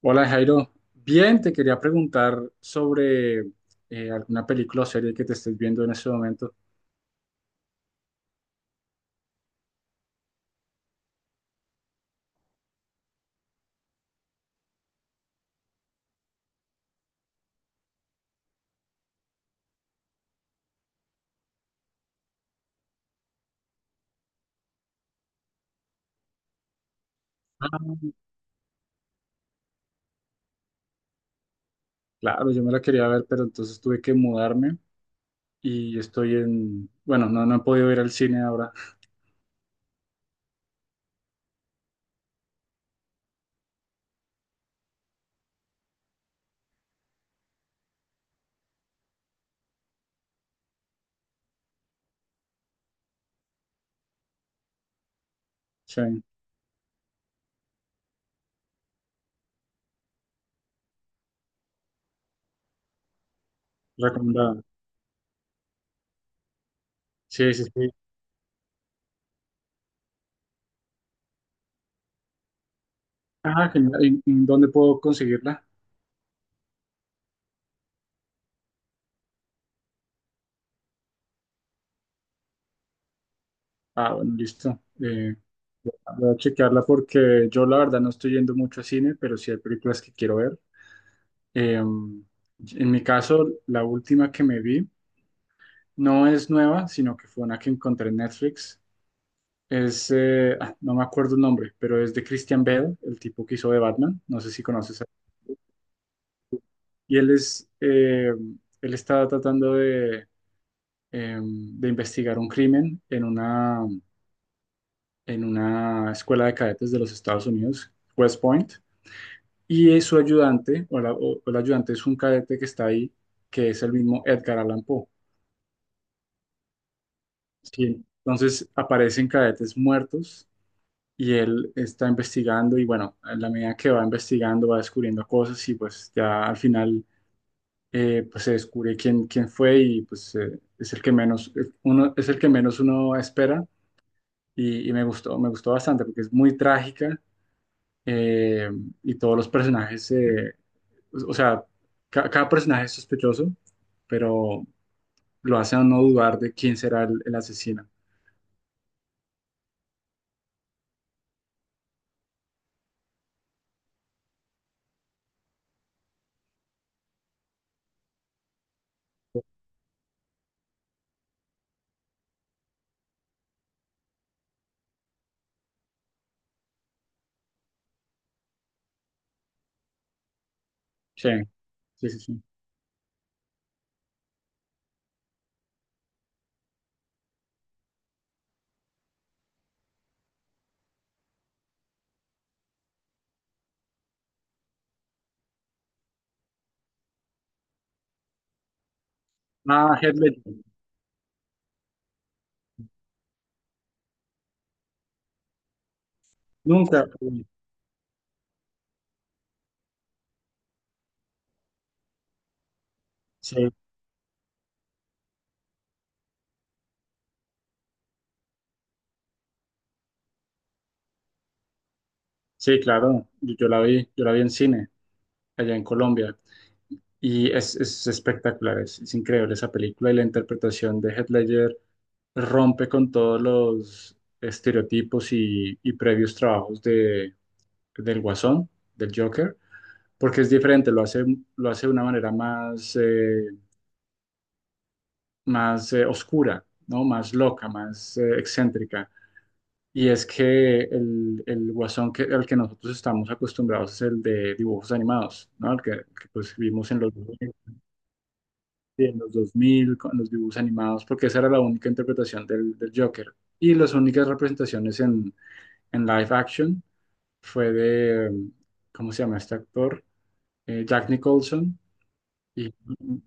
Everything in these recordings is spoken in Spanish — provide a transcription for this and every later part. Hola Jairo, bien, te quería preguntar sobre alguna película o serie que te estés viendo en este momento. Ah. Claro, yo me la quería ver, pero entonces tuve que mudarme y estoy en, bueno, no he podido ir al cine ahora. Sí, recomendada. Sí, sí, sí. Ah, genial. ¿Y dónde puedo conseguirla? Ah, bueno, listo. Voy a chequearla porque yo la verdad no estoy yendo mucho a cine, pero sí hay películas que quiero ver. Em, en mi caso, la última que me vi. No es nueva, sino que fue una que encontré en Netflix. No me acuerdo el nombre, pero es de Christian Bale, el tipo que hizo de Batman. No sé si conoces. Él. Y él es, él está tratando de investigar un crimen en una escuela de cadetes de los Estados Unidos, West Point. Y es su ayudante, o, o el ayudante es un cadete que está ahí, que es el mismo Edgar Allan Poe. Sí. Entonces aparecen cadetes muertos y él está investigando y bueno, en la medida que va investigando va descubriendo cosas y pues ya al final pues se descubre quién fue y pues es el que menos es el que menos uno espera y, me gustó bastante porque es muy trágica eh, y todos los personajes, o sea, cada personaje es sospechoso, pero lo hace a no dudar de quién será el asesino. Sí, sí, sí, sí. Ah, Heath Ledger. Nunca. Sí, sí, claro, yo la vi en cine, allá en Colombia, y es espectacular, es increíble esa película y la interpretación de Heath Ledger rompe con todos los estereotipos y previos trabajos de, del Guasón, del Joker, porque es diferente, lo hace de una manera más, más oscura, ¿no? Más loca, más excéntrica. Y es que el guasón que, al que nosotros estamos acostumbrados es el de dibujos animados, ¿no? Pues vimos en los, 2000, en los 2000 con los dibujos animados, porque esa era la única interpretación del, del Joker. Y las únicas representaciones en live action fue de, ¿cómo se llama este actor? Jack Nicholson y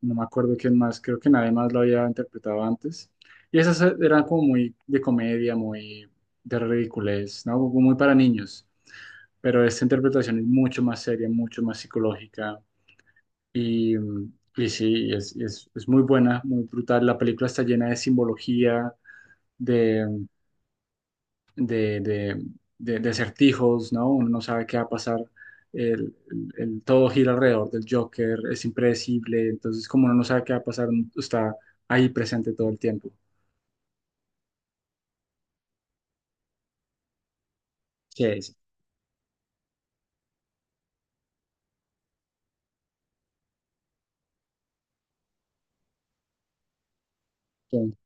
no me acuerdo quién más, creo que nadie más lo había interpretado antes. Y esas eran como muy de comedia, muy de ridiculez, ¿no? Como muy para niños. Pero esta interpretación es mucho más seria, mucho más psicológica y sí, es muy buena, muy brutal. La película está llena de simbología, de, de, de acertijos, ¿no? Uno no sabe qué va a pasar. El, Todo gira alrededor del Joker, es impredecible. Entonces, como uno no sabe qué va a pasar, uno está ahí presente todo el tiempo. Sí, sí. Sí.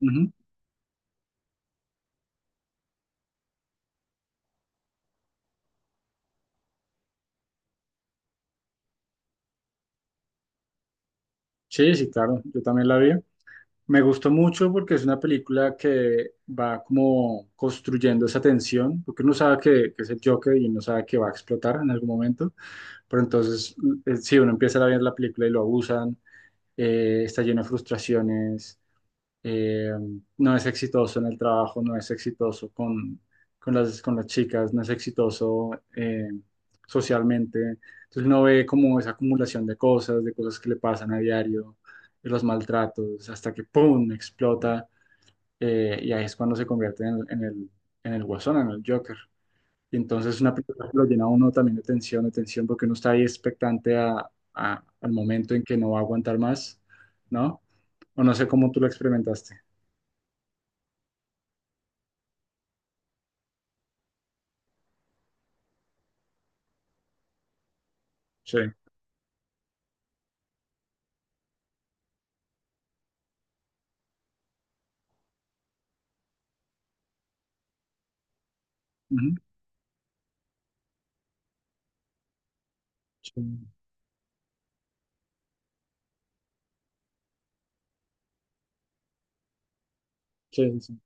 Ujú. Sí, sí, claro, yo también la vi. Me gustó mucho porque es una película que va como construyendo esa tensión, porque uno sabe que es el Joker y uno sabe que va a explotar en algún momento, pero entonces, sí, uno empieza a ver la película y lo abusan, está lleno de frustraciones, eh, no es exitoso en el trabajo, no es exitoso con las chicas, no es exitoso eh, socialmente. Entonces uno ve como esa acumulación de cosas que le pasan a diario, de los maltratos, hasta que ¡pum! Explota y ahí es cuando se convierte en el guasón, en el Joker. Y entonces es una película que lo llena a uno también de tensión, porque uno está ahí expectante al momento en que no va a aguantar más, ¿no? O no sé cómo tú lo experimentaste. Sí. Ujú. Sí, sí, sí,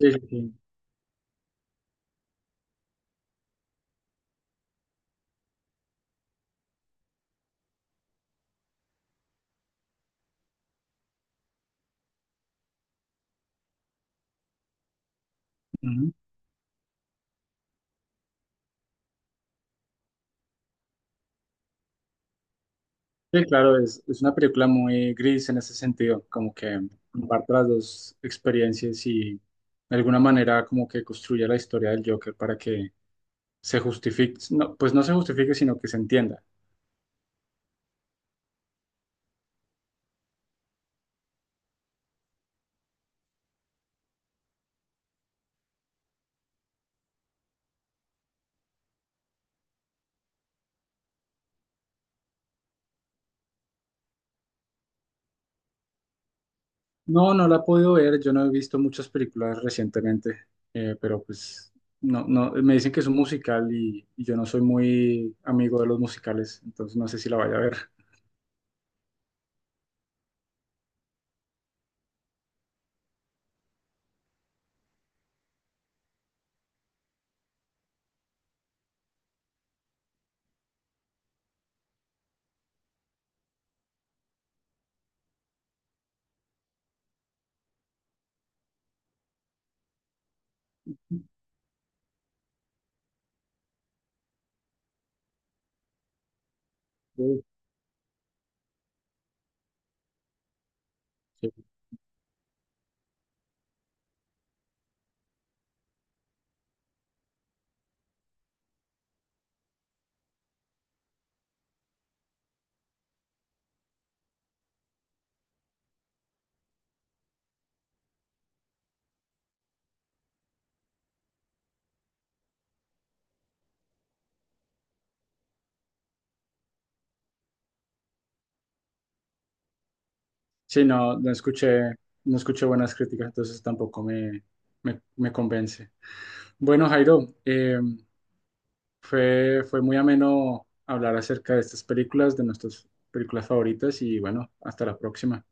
sí, sí, sí. Ujú. Sí, claro, es una película muy gris en ese sentido, como que comparte las dos experiencias y de alguna manera como que construye la historia del Joker para que se justifique, no, pues no se justifique, sino que se entienda. No, no la he podido ver, yo no he visto muchas películas recientemente, pero pues no, no, me dicen que es un musical y yo no soy muy amigo de los musicales, entonces no sé si la vaya a ver. Sí. Sí, no escuché, no escuché buenas críticas, entonces tampoco me convence. Bueno, Jairo, fue muy ameno hablar acerca de estas películas, de nuestras películas favoritas y bueno, hasta la próxima.